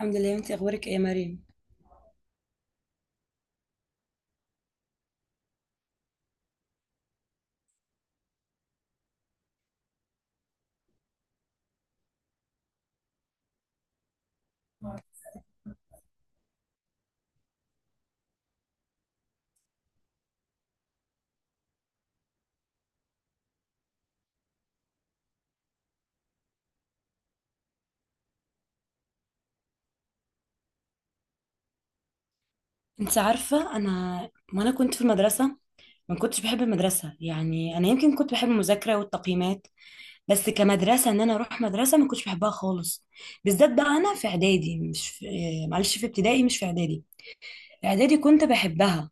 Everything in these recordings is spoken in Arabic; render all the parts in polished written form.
الحمد لله. انت اخبارك ايه يا مريم؟ انت عارفه وانا كنت في المدرسه، ما كنتش بحب المدرسه. يعني انا يمكن كنت بحب المذاكره والتقييمات، بس كمدرسه ان انا اروح مدرسه ما كنتش بحبها خالص. بالذات بقى انا في اعدادي مش في معلش، في ابتدائي مش في اعدادي. اعدادي كنت بحبها،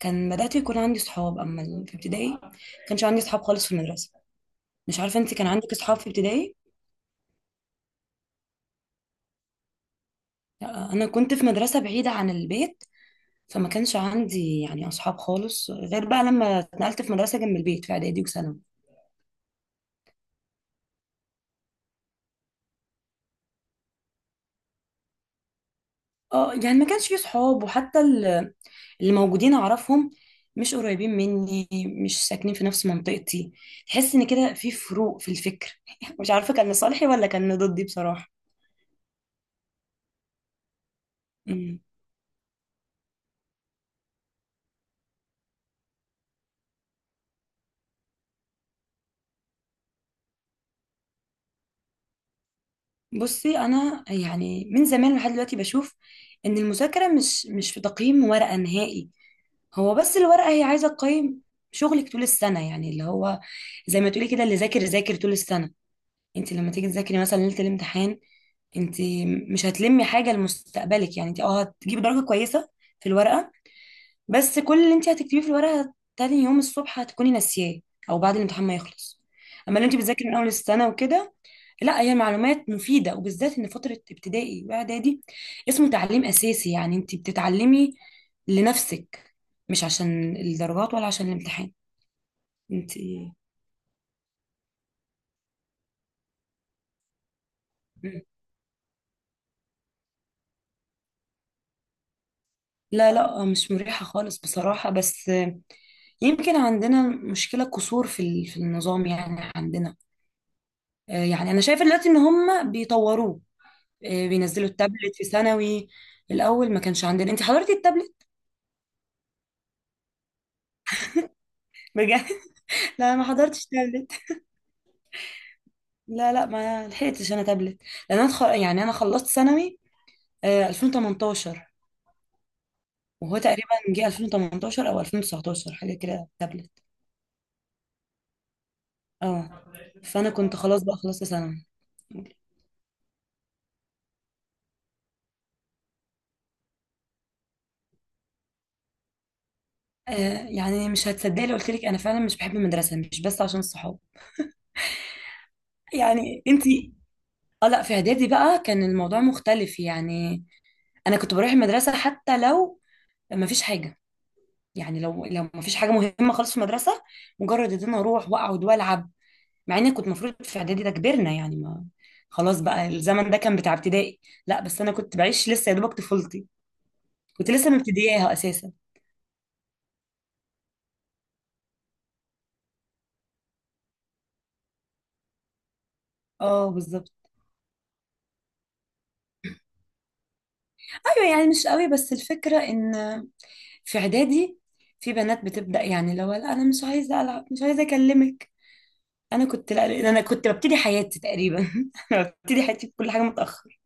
كان بدات يكون عندي صحاب. اما في ابتدائي ما كانش عندي صحاب خالص في المدرسه. مش عارفه، انت كان عندك صحاب في ابتدائي؟ لا، انا كنت في مدرسه بعيده عن البيت، فما كانش عندي يعني اصحاب خالص غير بقى لما اتنقلت في مدرسه جنب البيت في اعدادي وثانوي. اه، يعني ما كانش في صحاب، وحتى اللي موجودين اعرفهم مش قريبين مني، مش ساكنين في نفس منطقتي. تحس ان كده في فروق في الفكر. مش عارفه كان لصالحي ولا كان ضدي بصراحه. بصي انا يعني من زمان لحد دلوقتي بشوف ان المذاكره مش في تقييم ورقه نهائي. هو بس الورقه هي عايزه تقيم شغلك طول السنه، يعني اللي هو زي ما تقولي كده، اللي ذاكر ذاكر طول السنه. انت لما تيجي تذاكري مثلا ليله الامتحان، انت مش هتلمي حاجه لمستقبلك، يعني انت هتجيبي درجه كويسه في الورقه، بس كل اللي انت هتكتبيه في الورقه تاني يوم الصبح هتكوني ناسياه، او بعد الامتحان ما يخلص. اما لو انت بتذاكري من اول السنه وكده، لا هي معلومات مفيده، وبالذات ان فتره ابتدائي واعدادي اسمه تعليم اساسي، يعني انت بتتعلمي لنفسك، مش عشان الدرجات ولا عشان الامتحان انت. لا لا، مش مريحه خالص بصراحه. بس يمكن عندنا مشكله قصور في النظام، يعني عندنا، يعني انا شايفه دلوقتي ان هم بيطوروه. بينزلوا التابلت في ثانوي. الاول ما كانش عندنا. انت حضرتي التابلت؟ بجد؟ لا، ما حضرتش تابلت. لا لا، ما لحقتش انا تابلت، لان انا خ... يعني انا خلصت ثانوي 2018. وهو تقريبا جه 2018 او 2019 حاجه كده تابلت. اه، فانا كنت خلاص بقى خلصت ثانوي. يعني مش هتصدقي لو قلت لك انا فعلا مش بحب المدرسه مش بس عشان الصحاب، يعني انت. اه لا، في اعدادي بقى كان الموضوع مختلف. يعني انا كنت بروح المدرسه حتى لو ما فيش حاجه، يعني لو ما فيش حاجه مهمه خالص في المدرسه، مجرد ان انا اروح واقعد والعب. مع اني كنت المفروض في اعدادي ده كبرنا، يعني ما خلاص بقى الزمن ده كان بتاع ابتدائي. لا بس انا كنت بعيش لسه يا دوبك طفولتي، كنت لسه مبتدياها اساسا. اه بالظبط. ايوه يعني مش قوي، بس الفكره ان في اعدادي في بنات بتبدا، يعني لو لا، انا مش عايزه العب مش عايزه اكلمك، انا كنت لا. انا كنت ببتدي حياتي تقريبا انا ببتدي حياتي بكل حاجه متاخر.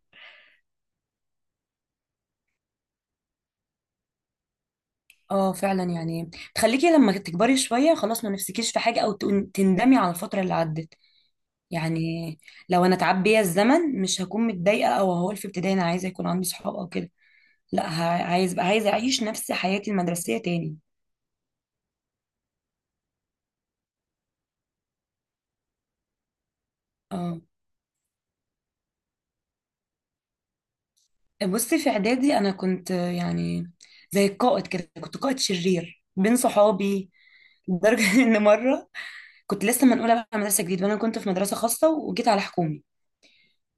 اه فعلا، يعني تخليكي لما تكبري شوية خلاص ما نفسكيش في حاجة او تندمي على الفترة اللي عدت. يعني لو انا اتعب بيا الزمن مش هكون متضايقة او هقول في ابتدائي انا عايزة يكون عندي صحاب او كده. لا، عايزة اعيش نفس حياتي المدرسية تاني. اه. بصي في اعدادي انا كنت يعني زي القائد كده، كنت قائد شرير بين صحابي. لدرجة ان مرة كنت لسه منقولة بقى على مدرسة جديدة، وانا كنت في مدرسة خاصة وجيت على حكومي،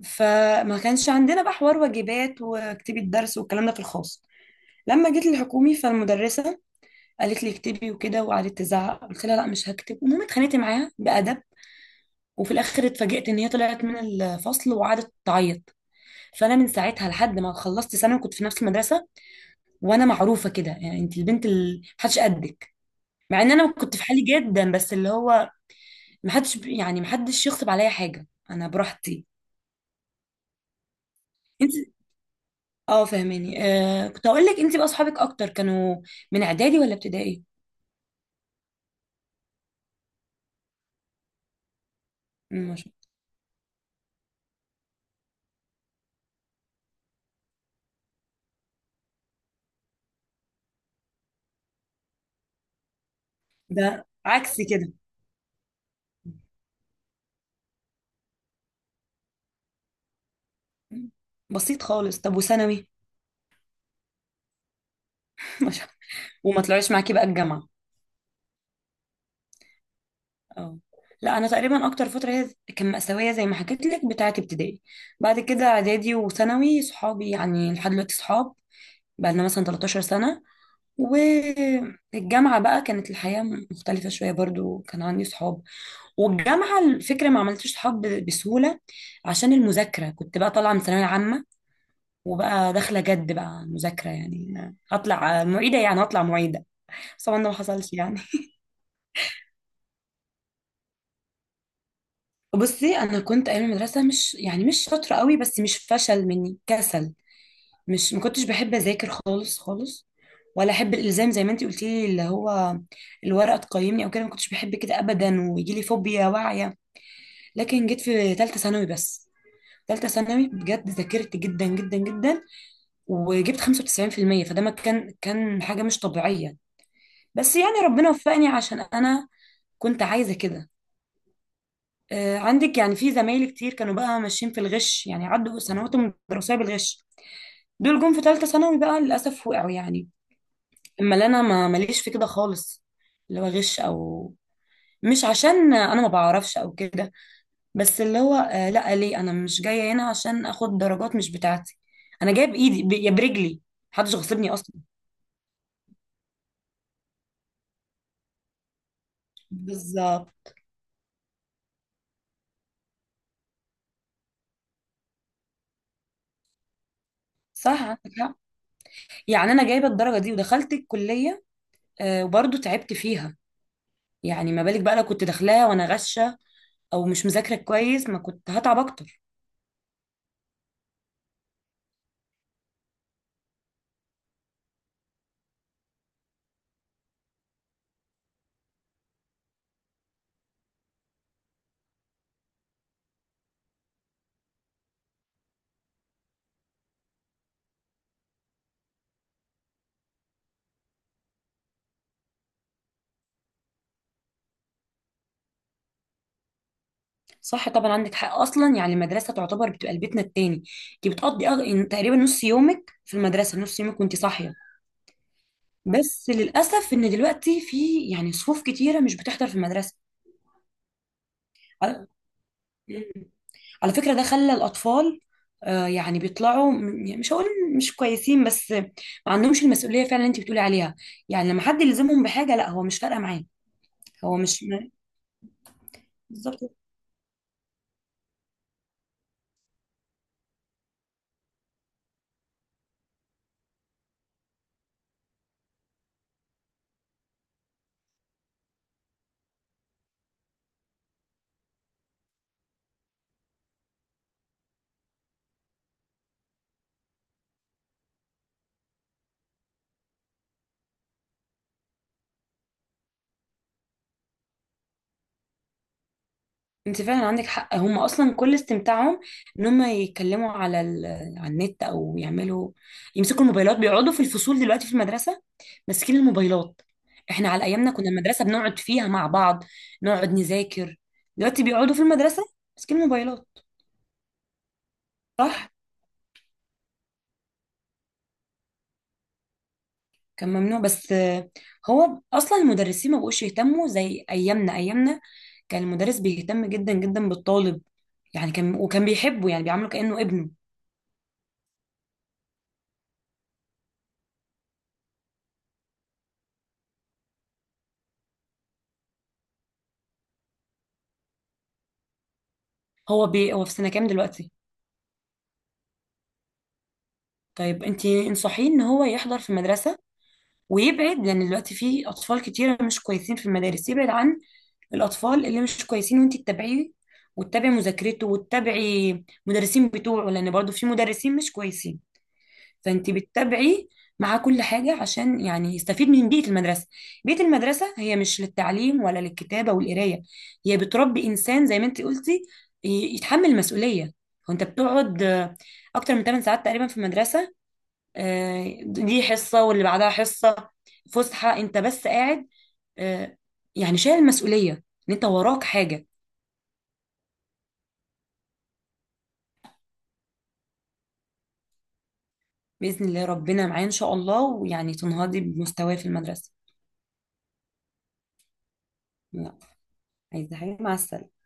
فما كانش عندنا بقى حوار واجبات واكتبي الدرس والكلام ده في الخاص. لما جيت الحكومي، فالمدرسة قالت لي اكتبي وكده، وقعدت تزعق، قلت لها لا مش هكتب. المهم اتخانقت معاها بأدب، وفي الاخر اتفاجئت ان هي طلعت من الفصل وقعدت تعيط. فانا من ساعتها لحد ما خلصت ثانوي كنت في نفس المدرسه، وانا معروفه كده، يعني انت البنت اللي محدش قدك. مع ان انا كنت في حالي جدا، بس اللي هو محدش، يعني محدش يغصب عليا حاجه، انا براحتي. اه، فاهماني. آه، كنت اقول لك، انت بقى اصحابك اكتر كانوا من اعدادي ولا ابتدائي؟ مم، ما شاء الله، ده عكس كده. مم. بسيط خالص. طب وثانوي؟ ما شاء الله. وما طلعوش معاكي بقى الجامعه؟ اه. لا، انا تقريبا اكتر فتره هي كان مأساوية زي ما حكيت لك بتاعه ابتدائي. بعد كده اعدادي وثانوي صحابي يعني لحد دلوقتي صحاب، بقى لنا مثلا 13 سنه. والجامعه بقى كانت الحياه مختلفه شويه، برضو كان عندي صحاب. والجامعة الفكرة ما عملتش صحاب بسهولة عشان المذاكرة، كنت بقى طالعة من ثانوية عامة وبقى داخلة جد بقى مذاكرة، يعني هطلع معيدة، يعني هطلع معيدة. بس طبعا ده ما حصلش يعني. بصي أنا كنت أيام المدرسة مش، يعني مش شاطرة قوي، بس مش فشل مني، كسل. مش ما كنتش بحب أذاكر خالص خالص، ولا أحب الإلزام زي ما أنتي قلتي لي، اللي هو الورقة تقيمني أو كده، ما كنتش بحب كده أبدا ويجي لي فوبيا واعية. لكن جيت في ثالثة ثانوي بس، ثالثة ثانوي بجد ذاكرت جدا جدا جدا وجبت 95%، فده ما كان حاجة مش طبيعية. بس يعني ربنا وفقني عشان أنا كنت عايزة كده. عندك يعني، في زمايلي كتير كانوا بقى ماشيين في الغش، يعني عدوا سنواتهم الدراسية بالغش، دول جم في ثالثة ثانوي بقى للأسف وقعوا يعني. أما اللي أنا ما ماليش في كده خالص، اللي هو غش، أو مش عشان أنا ما بعرفش أو كده. بس اللي هو لا، ليه أنا مش جاية هنا عشان آخد درجات مش بتاعتي. أنا جاية بإيدي يا برجلي، محدش غصبني أصلا. بالظبط. صح، يعني انا جايبه الدرجه دي ودخلت الكليه وبرضه تعبت فيها. يعني ما بالك بقى لو كنت داخلاها وانا غشه او مش مذاكره كويس، ما كنت هتعب اكتر. صح طبعا، عندك حق. اصلا يعني المدرسه تعتبر بتبقى بيتنا التاني. انت بتقضي إن تقريبا نص يومك في المدرسه، نص يومك وانت صاحيه. بس للاسف ان دلوقتي في يعني صفوف كتيره مش بتحضر في المدرسه. على فكرة ده خلى الأطفال يعني بيطلعوا يعني مش هقول مش كويسين، بس ما عندهمش المسؤولية فعلا اللي انت بتقولي عليها. يعني لما حد يلزمهم بحاجة، لا، هو مش فارقة معاه. هو مش. بالظبط. انت فعلا عندك حق، هم اصلا كل استمتاعهم ان هم يتكلموا على على النت، او يعملوا، يمسكوا الموبايلات. بيقعدوا في الفصول دلوقتي في المدرسة ماسكين الموبايلات. احنا على ايامنا كنا المدرسة بنقعد فيها مع بعض، نقعد نذاكر. دلوقتي بيقعدوا في المدرسة ماسكين الموبايلات. صح، كان ممنوع. بس هو اصلا المدرسين ما بقوش يهتموا زي ايامنا. ايامنا كان المدرس بيهتم جدا جدا بالطالب، يعني كان وكان بيحبه، يعني بيعامله كأنه ابنه. هو هو في سنة كام دلوقتي؟ طيب انت انصحيه ان هو يحضر في المدرسة ويبعد، لان دلوقتي في اطفال كتيرة مش كويسين في المدارس. يبعد عن الاطفال اللي مش كويسين، وانت تتابعيه وتتابعي مذاكرته وتتابعي مدرسين بتوعه، لان برضو في مدرسين مش كويسين. فانت بتتابعي مع كل حاجة عشان يعني يستفيد من بيئة المدرسة. بيئة المدرسة هي مش للتعليم ولا للكتابة والقراية، هي بتربي إنسان زي ما انت قلتي يتحمل مسؤولية. وانت بتقعد أكتر من 8 ساعات تقريبا في المدرسة. دي حصة واللي بعدها حصة فسحة، انت بس قاعد آه، يعني شايل المسؤولية ان انت وراك حاجة. بإذن الله ربنا معايا إن شاء الله، ويعني تنهضي بمستواي في المدرسة. لا. عايزة حاجة؟ مع السلامة.